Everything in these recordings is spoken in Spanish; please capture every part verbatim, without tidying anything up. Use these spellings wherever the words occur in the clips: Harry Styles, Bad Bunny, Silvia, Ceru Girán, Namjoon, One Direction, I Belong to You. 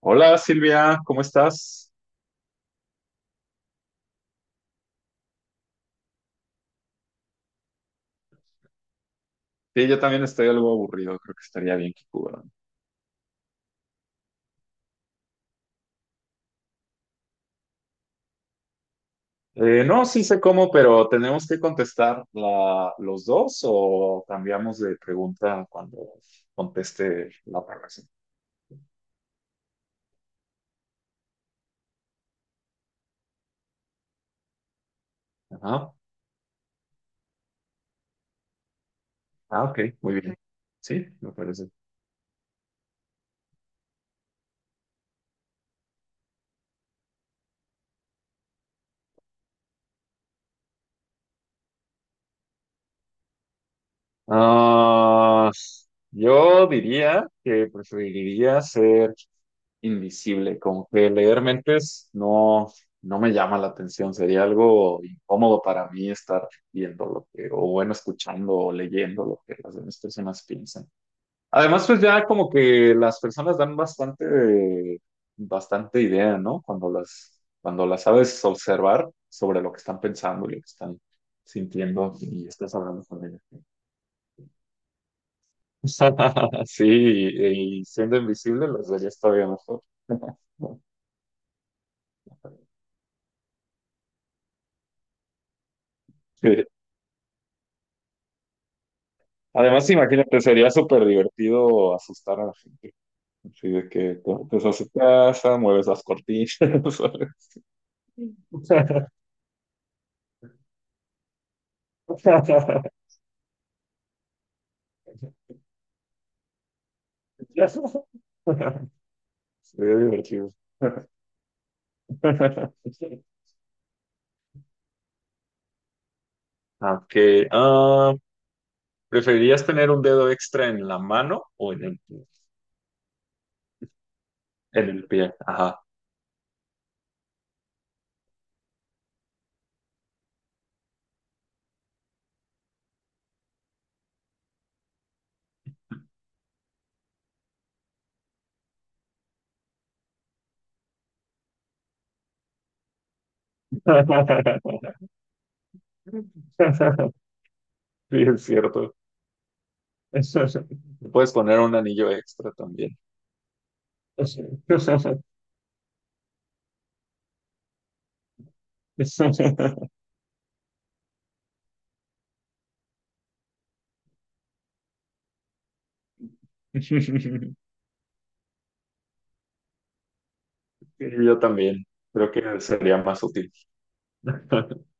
Hola Silvia, ¿cómo estás? Sí, yo también estoy algo aburrido, creo que estaría bien que jugaran. Eh, no, sí sé cómo, pero ¿tenemos que contestar la- los dos o cambiamos de pregunta cuando conteste la otra persona? Ajá. Ah, ok, muy bien. Sí, me parece. Ah, yo diría que preferiría ser invisible, como que leer mentes no, no me llama la atención, sería algo incómodo para mí estar viendo lo que, o bueno, escuchando o leyendo lo que las demás personas piensan. Además, pues ya como que las personas dan bastante, bastante idea, ¿no? Cuando las, cuando las sabes observar sobre lo que están pensando y lo que están sintiendo y estás hablando con ellas. Sí, y siendo invisible los verías todavía mejor. Sí. Además, imagínate, sería súper divertido asustar a la gente. Así de que te metes a su casa, mueves las cortinas. ¿Sabes? Sería divertido. Okay. Ah, ¿preferirías tener un dedo extra en la mano o en el pie? En el pie, ajá. Sí, es cierto. Le Puedes poner un anillo extra también. Y yo también. Creo que sería más útil.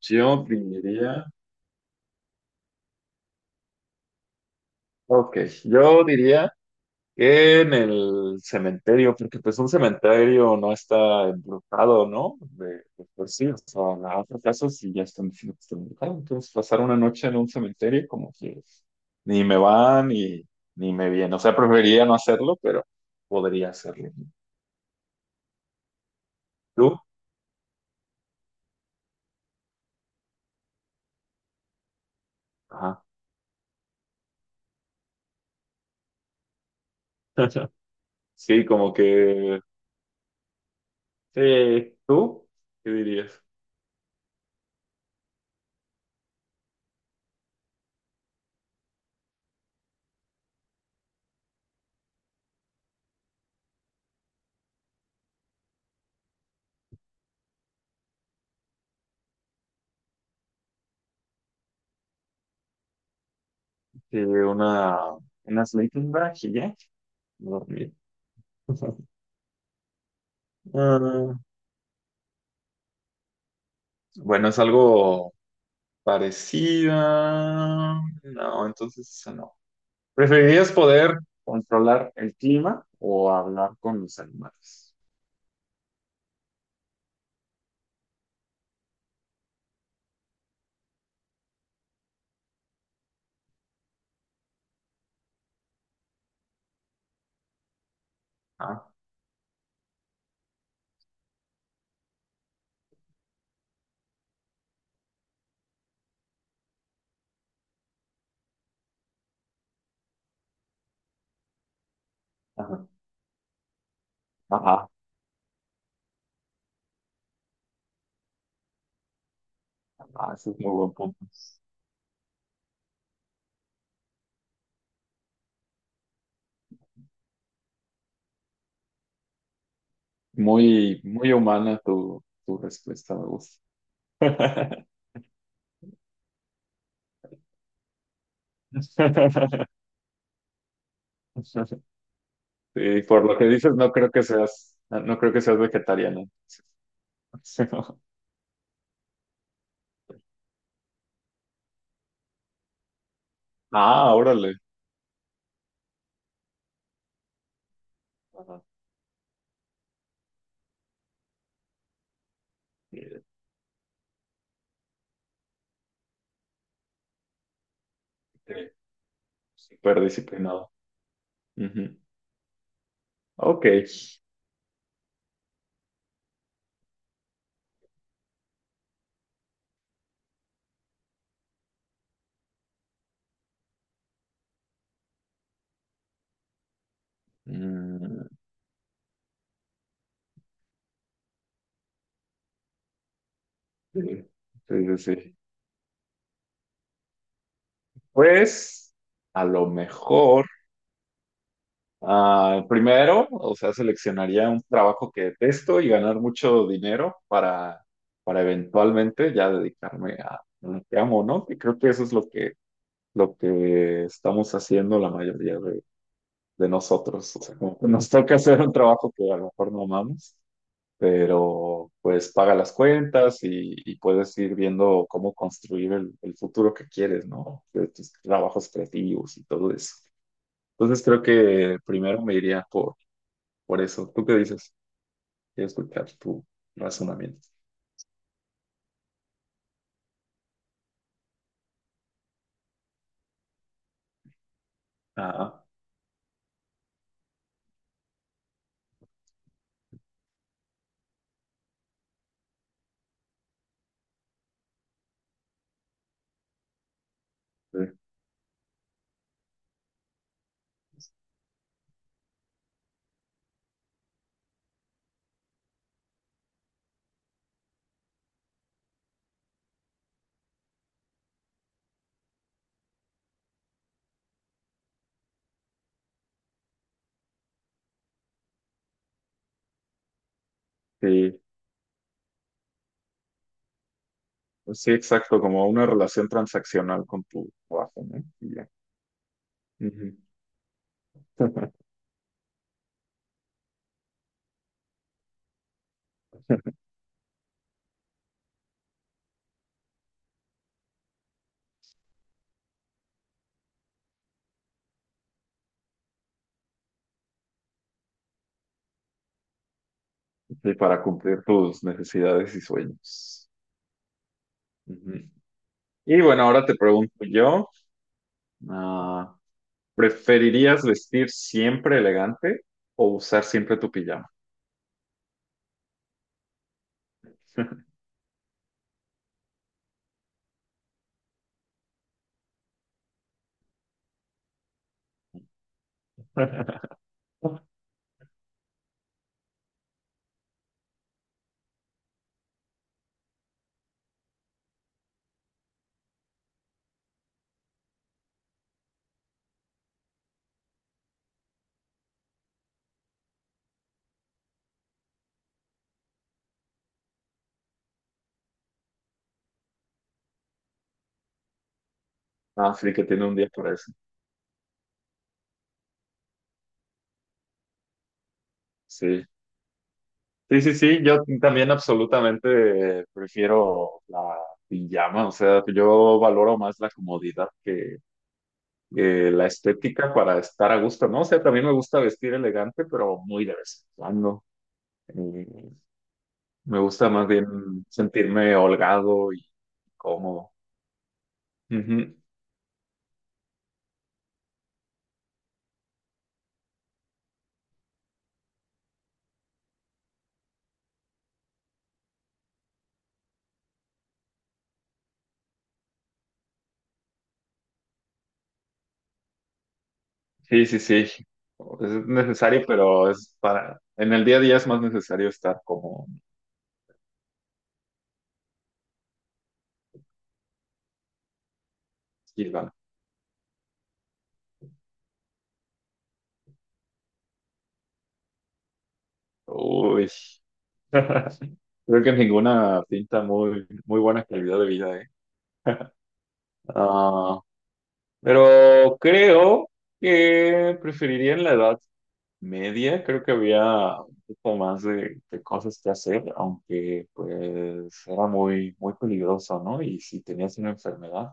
Yo diría. Ok, yo diría en el cementerio, porque pues un cementerio no está embrujado, ¿no? De, de por sí, o sea, hace casos sí ya están diciendo que está embrujado. Entonces, pasar una noche en un cementerio como que ni me va ni, ni me viene. O sea, preferiría no hacerlo, pero podría hacerlo. ¿Tú? Ajá. Sí, como que... Sí, ¿tú? ¿Qué dirías? Que una... Una sleeping bag y ya, dormir. Ah, bueno, es algo Parecida. No, entonces esa no. ¿Preferirías poder controlar el clima o hablar con los animales? Ah, ajá, ajá, ajá, ese es muy buen punto. Muy, muy humana tu, tu respuesta, me gusta. Sí, por lo que dices, no creo que seas, no no creo que seas vegetariana. Ah, órale. Ajá. Sí, sí. Súper disciplinado. Ujú. Ok. Mm, Sí, sí, sí. sí. Pues a lo mejor, ah, primero, o sea, seleccionaría un trabajo que detesto y ganar mucho dinero para, para eventualmente ya dedicarme a lo que amo, ¿no? Y creo que eso es lo que, lo que estamos haciendo la mayoría de, de nosotros. O sea, como que nos toca hacer un trabajo que a lo mejor no amamos, pero pues paga las cuentas y, y puedes ir viendo cómo construir el, el futuro que quieres, ¿no? De tus trabajos creativos y todo eso. Entonces creo que primero me iría por, por eso. ¿Tú qué dices? Quiero escuchar tu razonamiento. Ah, sí, sí. Pues sí, exacto, como una relación transaccional con tu trabajo, ¿no? Y ya. Ujú. Y para cumplir tus necesidades y sueños. Ujú. Y bueno, ahora te pregunto yo, ah, ¿preferirías vestir siempre elegante o usar siempre tu pijama? Ah, sí, que tiene un día para eso. Sí. Sí, sí, sí, yo también absolutamente prefiero la pijama, o sea, yo valoro más la comodidad que, que la estética para estar a gusto, ¿no? O sea, también me gusta vestir elegante, pero muy de vez en cuando. Y me gusta más bien sentirme holgado y cómodo. Ujú. Sí, sí, sí. Es necesario, pero es para... En el día a día es más necesario estar como... Silva. Uy. Creo que ninguna pinta muy, muy buena calidad de vida, ¿eh? Ah, pero creo que preferiría en la edad media, creo que había un poco más de, de cosas que hacer, aunque pues era muy, muy peligroso, ¿no? Y si tenías una enfermedad,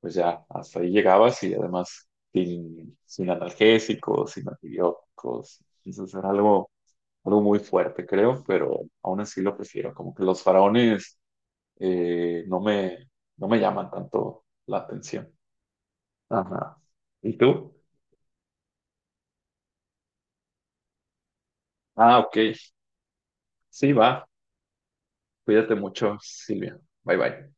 pues ya hasta ahí llegabas y además sin, sin analgésicos, sin antibióticos. Entonces era algo, algo muy fuerte, creo, pero aún así lo prefiero. Como que los faraones eh, no me, no me llaman tanto la atención. Ajá. ¿Y tú? Ah, ok. Sí, va. Cuídate mucho, Silvia. Bye bye.